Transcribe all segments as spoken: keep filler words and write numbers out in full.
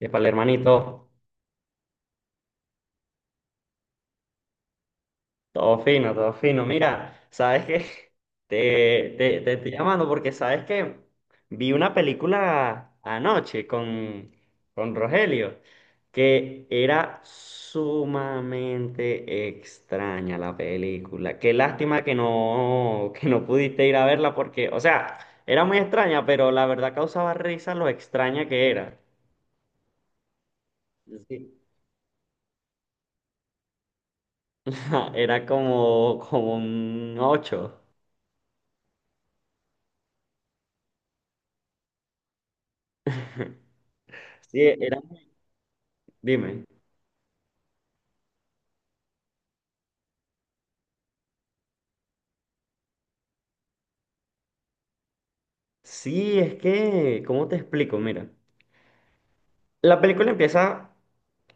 Y para el hermanito, todo fino, todo fino. Mira, ¿sabes qué? Te, te, te estoy llamando porque sabes que vi una película anoche con, con Rogelio que era sumamente extraña la película. Qué lástima que no, que no pudiste ir a verla porque, o sea, era muy extraña, pero la verdad causaba risa lo extraña que era. Sí. Era como, como un ocho. Sí, era, dime. Sí, es que, ¿cómo te explico? Mira, la película empieza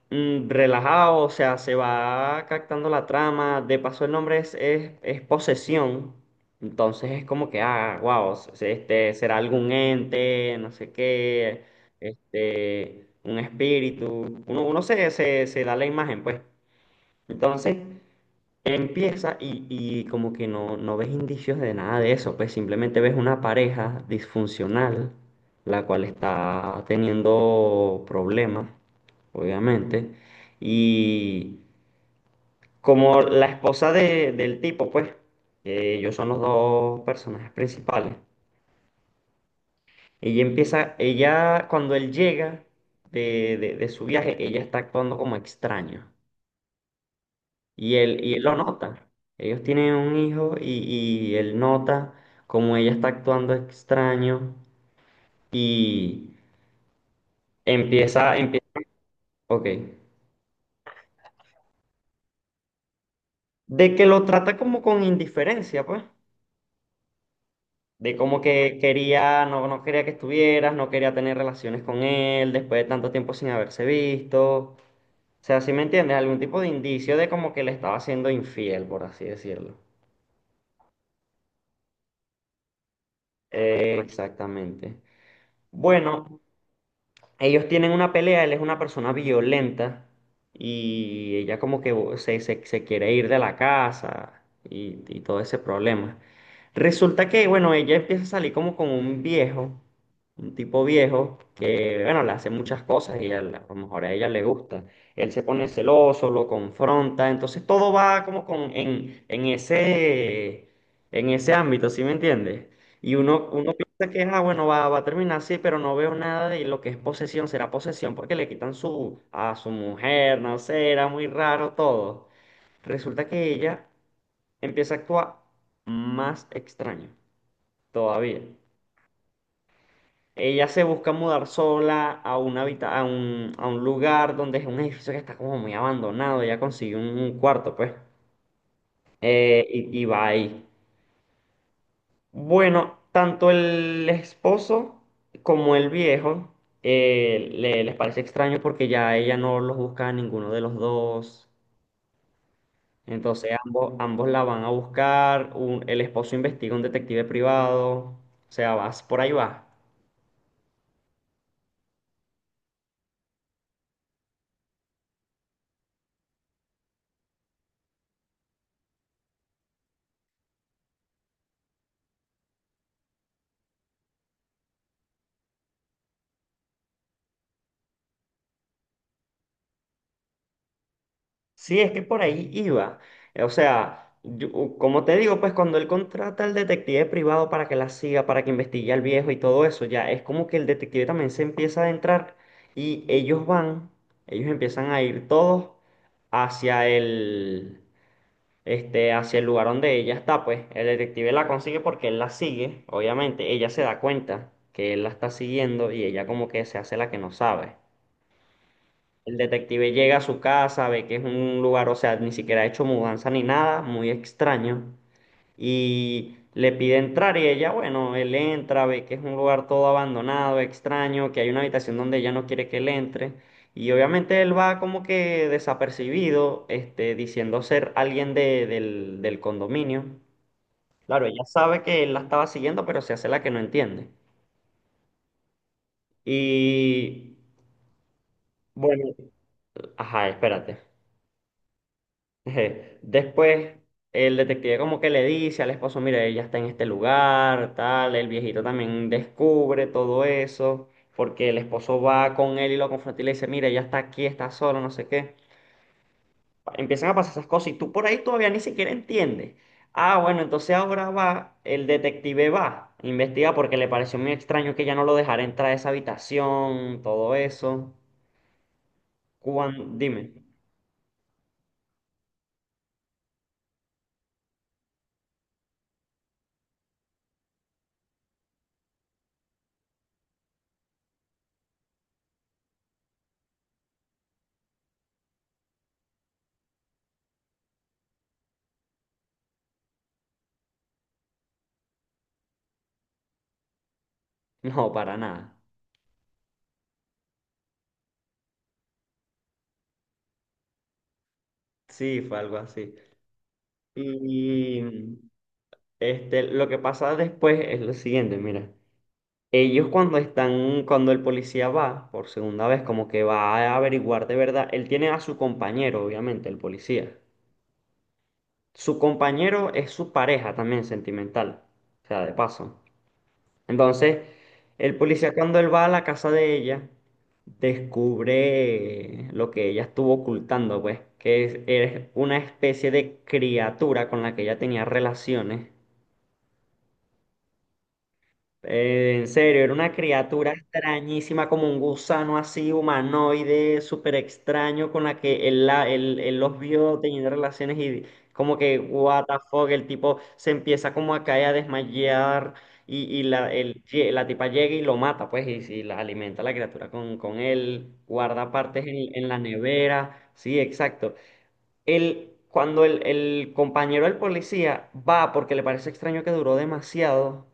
mm, relajado, o sea, se va captando la trama, de paso el nombre es, es, es posesión, entonces es como que, ah, wow, este, será algún ente, no sé qué, este, un espíritu, uno, uno se, se, se da la imagen, pues. Entonces, empieza y, y como que no, no ves indicios de nada de eso, pues simplemente ves una pareja disfuncional, la cual está teniendo problemas, obviamente, y como la esposa de- del tipo, pues, que ellos son los dos personajes principales, ella empieza, ella cuando él llega de, de de su viaje, ella está actuando como extraño. Y él, y él lo nota. Ellos tienen un hijo y, y él nota como ella está actuando extraño y empieza, empieza, ok, de que lo trata como con indiferencia, pues, de como que quería, no, no quería que estuvieras, no quería tener relaciones con él después de tanto tiempo sin haberse visto. O sea, ¿si me entiendes? Algún tipo de indicio de como que le estaba siendo infiel, por así decirlo. Eh, exactamente. Bueno. Ellos tienen una pelea, él es una persona violenta y ella como que bo- se, se- se quiere ir de la casa y, y todo ese problema. Resulta que, bueno, ella empieza a salir como con un viejo, un tipo viejo que, bueno, le hace muchas cosas y a, la- a lo mejor a ella le gusta. Él se pone celoso, lo confronta, entonces todo va como con, en, en ese, en ese ámbito, ¿sí me entiendes? Y uno, uno piensa que, ah, bueno, va, va a terminar así, pero no veo nada de lo que es posesión. Será posesión porque le quitan su, a su mujer, no sé, era muy raro todo. Resulta que ella empieza a actuar más extraño todavía. Ella se busca mudar sola a un, habita- a un, a un lugar donde es un edificio que está como muy abandonado. Ella consigue un, un cuarto, pues, eh, y, y va ahí. Bueno, tanto el esposo como el viejo eh, le- les parece extraño porque ya ella no los busca a ninguno de los dos. Entonces ambos, ambos la van a buscar. Un- el esposo investiga un detective privado. O sea, vas por ahí va. Sí, es que por ahí iba. Eh, O sea, yo- u- como te digo, pues cuando él contrata al detective privado para que la siga, para que investigue al viejo y todo eso, ya es como que el detective también se empieza a adentrar y ellos van, ellos empiezan a ir todos hacia el, este, hacia el lugar donde ella está, pues el detective la consigue porque él la sigue, obviamente, ella se da cuenta que él la está siguiendo y ella como que se hace la que no sabe. El detective llega a su casa, ve que es un lugar, o sea, ni siquiera ha hecho mudanza ni nada, muy extraño. Y le pide entrar y ella, bueno, él entra, ve que es un lugar todo abandonado, extraño, que hay una habitación donde ella no quiere que él entre. Y obviamente él va como que desapercibido, este, diciendo ser alguien de- del, del condominio. Claro, ella sabe que él la estaba siguiendo, pero se hace la que no entiende. Y bueno, ajá, espérate. Eje, después el detective como que le dice al esposo, mire, ella está en este lugar, tal, el viejito también descubre todo eso, porque el esposo va con él y lo confronta y le dice, mire, ella está aquí, está solo no sé qué. Empiezan a pasar esas cosas y tú por ahí todavía ni siquiera entiendes. Ah, bueno, entonces ahora va, el detective va, investiga porque le pareció muy extraño que ya no lo dejara entrar a esa habitación, todo eso. Cuan- Dime, no, para nada. Sí, fue algo así. Y este, lo que pasa después es lo siguiente, mira. Ellos cuando están, cuando el policía va por segunda vez, como que va a averiguar de verdad, él tiene a su compañero, obviamente, el policía. Su compañero es su pareja también sentimental, o sea, de paso. Entonces, el policía cuando él va a la casa de ella, descubre lo que ella estuvo ocultando, pues, que es, es una especie de criatura con la que ella tenía relaciones. Eh, en serio, era una criatura extrañísima, como un gusano así humanoide, súper extraño, con la que él, la- él- él los vio teniendo relaciones y como que, what the fuck, el tipo se empieza como a caer, a desmayar y, y la, el- lle- la tipa llega y lo mata, pues, y, y la alimenta a la criatura con, con él, guarda partes en, en la nevera, sí, exacto. Él, cuando el, el compañero del policía va porque le parece extraño que duró demasiado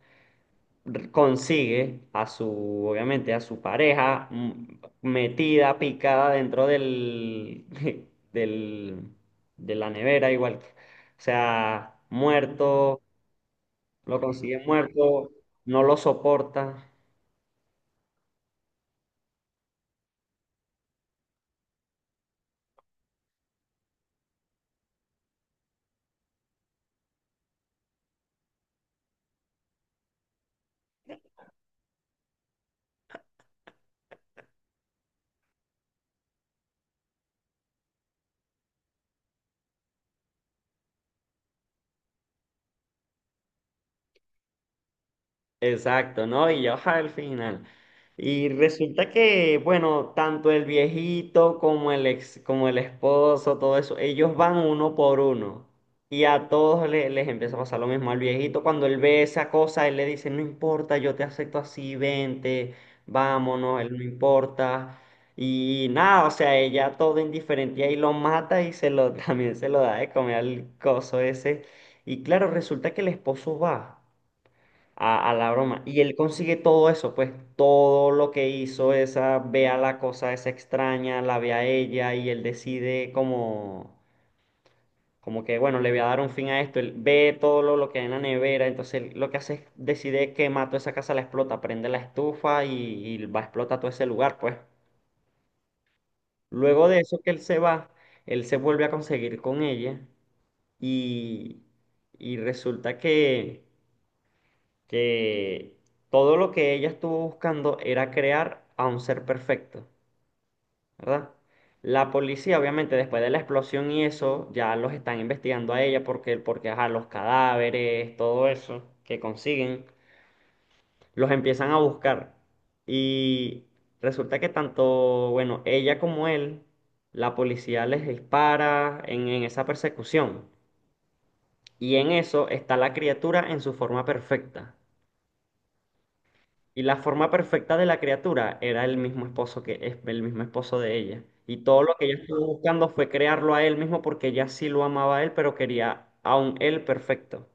consigue a su, obviamente, a su pareja mm, metida, picada dentro del, del, de la nevera, igual. que- O sea, muerto, lo consigue muerto, no lo soporta. Exacto, ¿no? Y ya baja al final. Y resulta que, bueno, tanto el viejito como el ex, como el esposo, todo eso, ellos van uno por uno. Y a todos le- les, empieza a pasar lo mismo. Al viejito, cuando él ve esa cosa, él le dice, no importa, yo te acepto así, vente, vámonos, él no importa. Y nada, o sea, ella todo indiferente y ahí lo mata y se lo, también se lo da de comer al coso ese. Y claro, resulta que el esposo va a, a la broma. Y él consigue todo eso, pues todo lo que hizo esa, ve a la cosa esa extraña, la ve a ella y él decide como, como que, bueno, le voy a dar un fin a esto. Él ve todo lo, lo que hay en la nevera, entonces él lo que hace es decide que mató esa casa, la explota, prende la estufa y, y va a explotar todo ese lugar, pues. Luego de eso que él se va, él se vuelve a conseguir con ella y, y resulta que... que todo lo que ella estuvo buscando era crear a un ser perfecto, ¿verdad? La policía, obviamente, después de la explosión y eso, ya los están investigando a ella porque, porque ajá, los cadáveres, todo eso que consiguen, los empiezan a buscar. Y resulta que tanto, bueno, ella como él, la policía les dispara en en esa persecución. Y en eso está la criatura en su forma perfecta. Y la forma perfecta de la criatura era el mismo esposo que es el mismo esposo de ella. Y todo lo que ella estuvo buscando fue crearlo a él mismo porque ella sí lo amaba a él, pero quería a un él perfecto.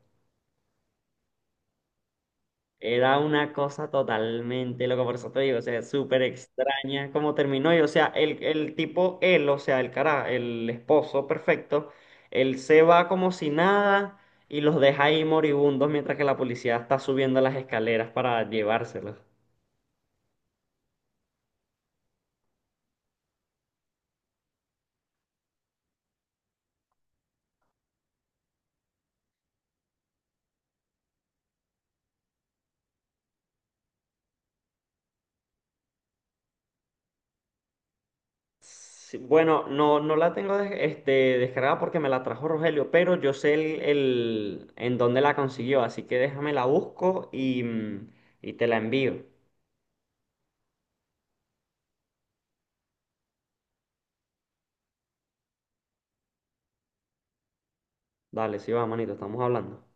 Era una cosa totalmente loca, por eso te digo, o sea, súper extraña cómo terminó. Y o sea, el, el tipo, él, o sea, el cara, el esposo perfecto, él se va como si nada y los deja ahí moribundos mientras que la policía está subiendo las escaleras para llevárselos. Sí, bueno, no, no la tengo des- este, descargada porque me la trajo Rogelio, pero yo sé el, el- en dónde la consiguió, así que déjame la busco y, mm, y te la envío. Dale, sí va, manito, estamos hablando.